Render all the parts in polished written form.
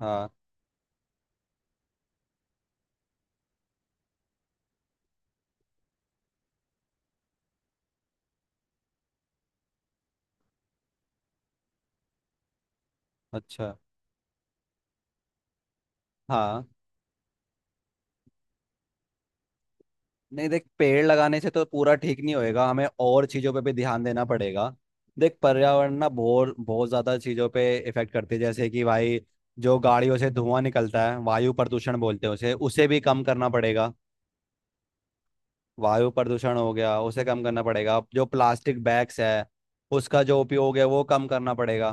हाँ। अच्छा। हाँ। नहीं, देख, पेड़ लगाने से तो पूरा ठीक नहीं होएगा। हमें और चीज़ों पे भी ध्यान देना पड़ेगा। देख, पर्यावरण ना बहुत बहुत ज़्यादा चीज़ों पे इफेक्ट करती है। जैसे कि भाई जो गाड़ियों से धुआं निकलता है वायु प्रदूषण बोलते हैं, उसे उसे भी कम करना पड़ेगा। वायु प्रदूषण हो गया, उसे कम करना पड़ेगा। जो प्लास्टिक बैग्स है उसका जो उपयोग है वो कम करना पड़ेगा।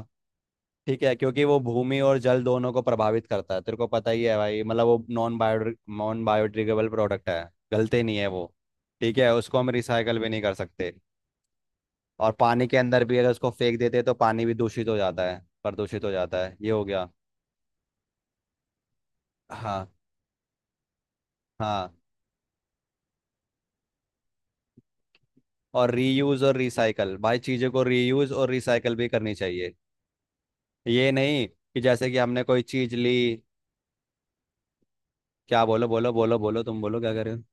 ठीक है, क्योंकि वो भूमि और जल दोनों को प्रभावित करता है। तेरे को पता ही है भाई, मतलब वो नॉन बायोडिग्रेडेबल प्रोडक्ट है। गलते नहीं है वो। ठीक है, उसको हम रिसाइकल भी नहीं कर सकते। और पानी के अंदर भी अगर उसको फेंक देते तो पानी भी दूषित हो जाता है, प्रदूषित हो जाता है। ये हो गया। हाँ। हाँ। और रीयूज और रिसाइकल, भाई चीज़ों को रीयूज और रिसाइकल भी करनी चाहिए। ये नहीं कि जैसे कि हमने कोई चीज़ ली। क्या, बोलो बोलो बोलो बोलो, तुम बोलो क्या कर रहे हो।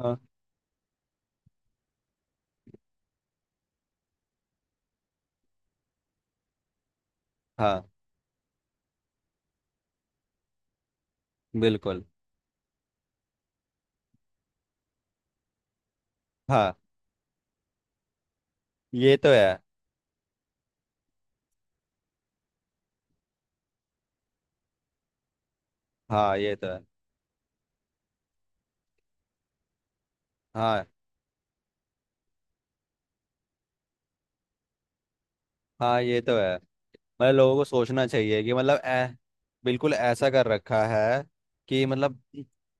हाँ। हाँ। बिल्कुल। हाँ ये तो है। हाँ ये तो है। हाँ। हाँ ये तो है। मतलब लोगों को सोचना चाहिए कि मतलब ऐ बिल्कुल ऐसा कर रखा है। कि मतलब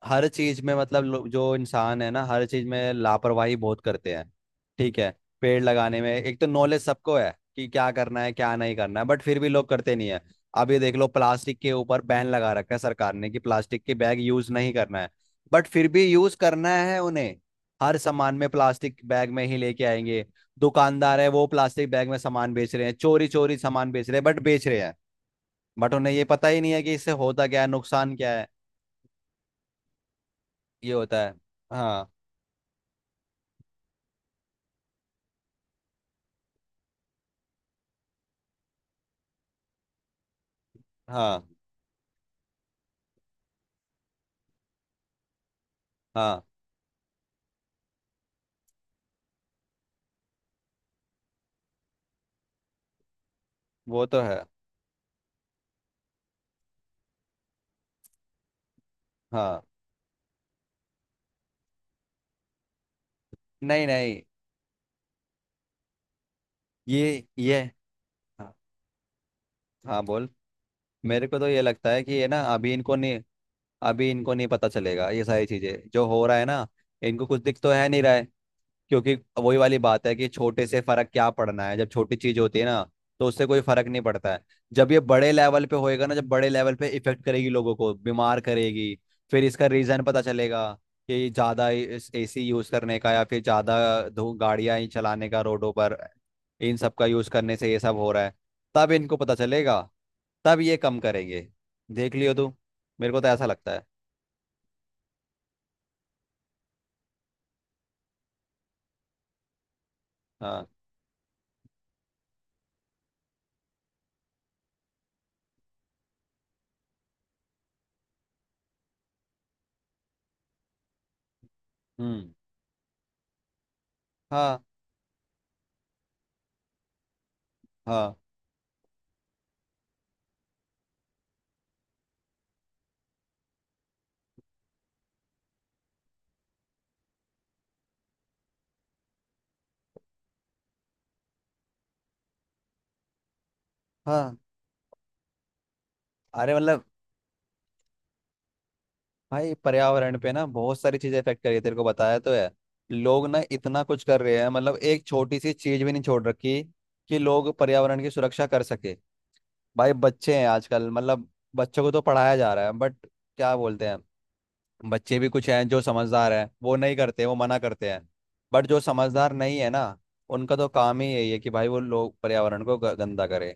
हर चीज में मतलब जो इंसान है ना हर चीज में लापरवाही बहुत करते हैं। ठीक है। पेड़ लगाने में एक तो नॉलेज सबको है कि क्या करना है क्या नहीं करना है, बट फिर भी लोग करते नहीं है। अब ये देख लो, प्लास्टिक के ऊपर बैन लगा रखा है सरकार ने कि प्लास्टिक के बैग यूज नहीं करना है, बट फिर भी यूज करना है उन्हें। हर सामान में प्लास्टिक बैग में ही लेके आएंगे। दुकानदार है, वो प्लास्टिक बैग में सामान बेच रहे हैं। चोरी चोरी सामान बेच रहे हैं, बट बेच रहे हैं। बट उन्हें ये पता ही नहीं है कि इससे होता क्या है, नुकसान क्या है। ये होता है। हाँ। हाँ। हाँ। वो तो है। हाँ। नहीं नहीं। ये। हाँ। हाँ, बोल। मेरे को तो ये लगता है कि ये ना अभी इनको नहीं पता चलेगा ये सारी चीजें जो हो रहा है ना। इनको कुछ दिख तो है नहीं रहा है। क्योंकि वही वाली बात है कि छोटे से फर्क क्या पड़ना है। जब छोटी चीज होती है ना तो उससे कोई फर्क नहीं पड़ता है। जब ये बड़े लेवल पे होएगा ना, जब बड़े लेवल पे इफेक्ट करेगी, लोगों को बीमार करेगी, फिर इसका रीजन पता चलेगा कि ज्यादा एसी यूज करने का या फिर ज्यादा धूप गाड़ियां ही चलाने का रोडों पर, इन सब का यूज करने से ये सब हो रहा है। तब इनको पता चलेगा। तब ये कम करेंगे। देख लियो तू। मेरे को तो ऐसा लगता है। हाँ। हम्म। हाँ। हाँ। हाँ। अरे मतलब। भाई पर्यावरण पे ना बहुत सारी चीजें इफेक्ट कर रही है, तेरे को बताया तो है। लोग ना इतना कुछ कर रहे हैं, मतलब एक छोटी सी चीज भी नहीं छोड़ रखी कि लोग पर्यावरण की सुरक्षा कर सके। भाई बच्चे हैं आजकल, मतलब बच्चों को तो पढ़ाया जा रहा है बट क्या बोलते हैं। बच्चे भी कुछ हैं जो समझदार हैं वो नहीं करते, वो मना करते हैं। बट जो समझदार नहीं है ना, उनका तो काम ही यही है कि भाई वो लोग पर्यावरण को गंदा करे।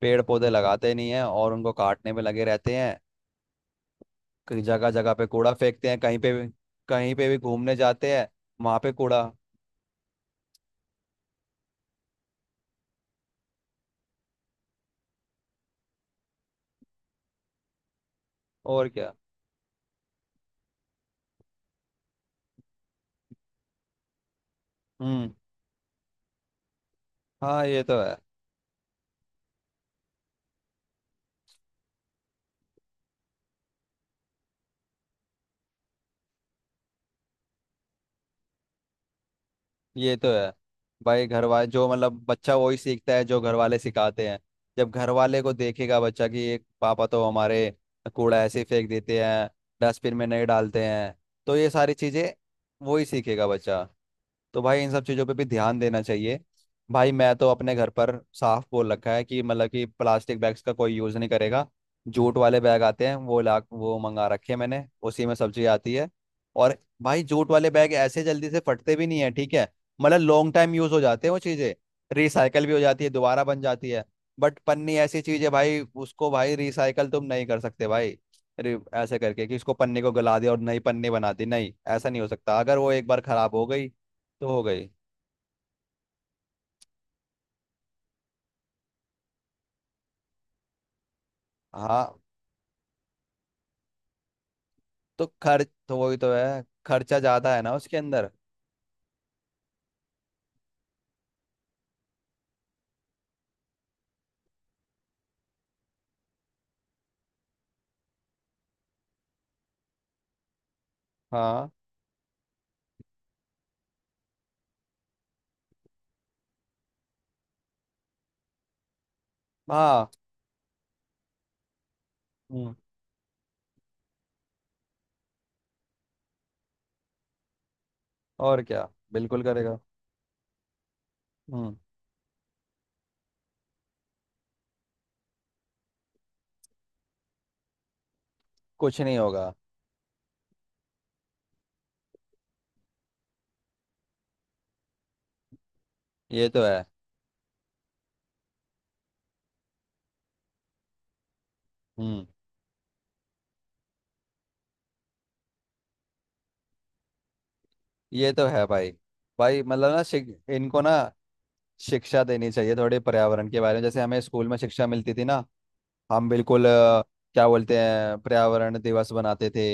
पेड़ पौधे लगाते नहीं है और उनको काटने में लगे रहते हैं। कहीं जगह जगह पे कूड़ा फेंकते हैं, कहीं पे भी। कहीं पे भी घूमने जाते हैं, वहां पे कूड़ा। और क्या। हम्म। हाँ ये तो है। ये तो है भाई। घर वाले जो मतलब बच्चा वही सीखता है जो घर वाले सिखाते हैं जब घर वाले को देखेगा बच्चा कि एक पापा तो हमारे कूड़ा ऐसे ही फेंक देते हैं डस्टबिन में नहीं डालते हैं तो ये सारी चीजें वही सीखेगा बच्चा तो भाई इन सब चीज़ों पे भी ध्यान देना चाहिए भाई मैं तो अपने घर पर साफ बोल रखा है कि मतलब कि प्लास्टिक बैग्स का कोई यूज़ नहीं करेगा जूट वाले बैग आते हैं वो ला वो मंगा रखे हैं मैंने उसी में सब्जी आती है और भाई जूट वाले बैग ऐसे जल्दी से फटते भी नहीं है ठीक है मतलब लॉन्ग टाइम यूज़ हो जाते हैं वो चीज़ें रिसाइकल भी हो जाती है दोबारा बन जाती है बट पन्नी ऐसी चीज़ है भाई उसको भाई रिसाइकल तुम नहीं कर सकते भाई रि- ऐसे करके कि इसको पन्नी को गला दिया और नई पन्नी बना दी नहीं ऐसा नहीं हो सकता अगर वो एक बार खराब हो गई तो हो गई हाँ तो खर्च तो वही तो है खर्चा ज्यादा है ना उसके अंदर हाँ हाँ हम्म और क्या बिल्कुल करेगा हम्म कुछ नहीं होगा ये तो है हम्म ये तो है भाई भाई मतलब ना इनको ना शिक्षा देनी चाहिए थोड़ी, पर्यावरण के बारे में, जैसे हमें स्कूल में शिक्षा मिलती थी ना। हम बिल्कुल क्या बोलते हैं, पर्यावरण दिवस बनाते थे।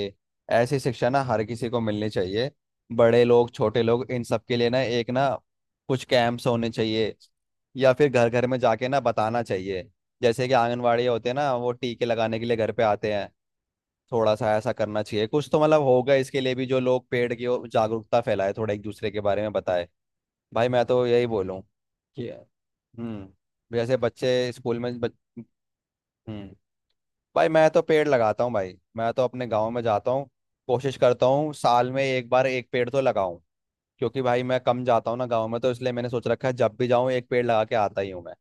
ऐसी शिक्षा ना हर किसी को मिलनी चाहिए। बड़े लोग, छोटे लोग, इन सब के लिए ना एक ना कुछ कैंप्स होने चाहिए, या फिर घर घर में जाके ना बताना चाहिए। जैसे कि आंगनवाड़ी होते हैं ना, वो टीके लगाने के लिए घर पे आते हैं। थोड़ा सा ऐसा करना चाहिए। कुछ तो मतलब होगा इसके लिए भी, जो लोग पेड़ की ओर जागरूकता फैलाए, थोड़ा एक दूसरे के बारे में बताए। भाई मैं तो यही बोलूँ कि। हम्म। जैसे बच्चे स्कूल में हम्म। भाई मैं तो पेड़ लगाता हूँ। भाई मैं तो अपने गांव में जाता हूँ। कोशिश करता हूँ साल में एक बार एक पेड़ तो लगाऊं। क्योंकि भाई मैं कम जाता हूँ ना गांव में, तो इसलिए मैंने सोच रखा है जब भी जाऊँ एक पेड़ लगा के आता ही हूँ मैं।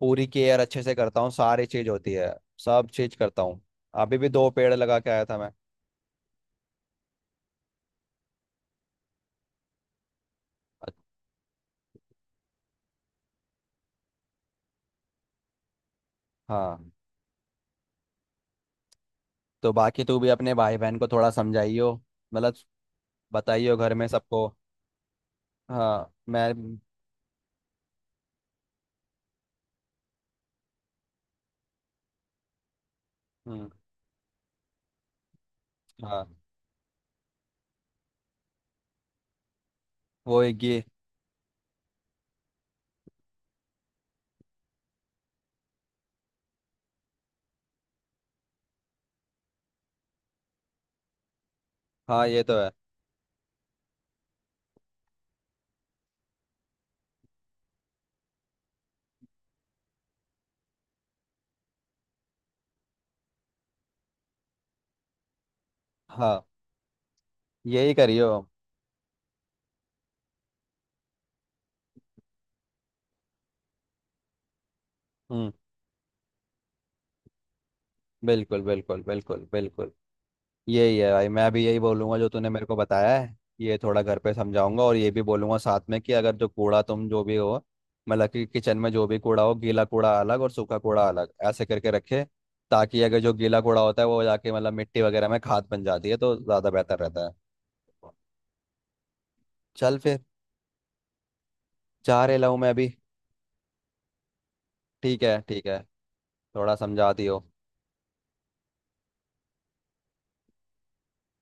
पूरी केयर अच्छे से करता हूँ, सारी चीज होती है। सब चीज करता हूँ। अभी भी दो पेड़ लगा के आया था मैं। हाँ। तो बाकी तू भी अपने भाई बहन को थोड़ा समझाइयो, मतलब बताइयो घर में सबको। हाँ। मैं। हम्म, हाँ। वो एक ये। हाँ ये तो है। हाँ, यही करियो। हम्म। बिल्कुल बिल्कुल बिल्कुल बिल्कुल। यही है भाई, मैं भी यही बोलूंगा जो तूने मेरे को बताया है। ये थोड़ा घर पे समझाऊंगा। और ये भी बोलूंगा साथ में कि अगर जो कूड़ा, तुम जो भी हो, मतलब कि किचन में जो भी कूड़ा हो, गीला कूड़ा अलग और सूखा कूड़ा अलग, ऐसे करके रखे, ताकि अगर जो गीला कूड़ा होता है वो जाके मतलब मिट्टी वगैरह में खाद बन जाती है, तो ज़्यादा बेहतर रहता है। चल फिर। जा रहे, लाऊं मैं अभी। ठीक है। ठीक है। थोड़ा समझा दियो।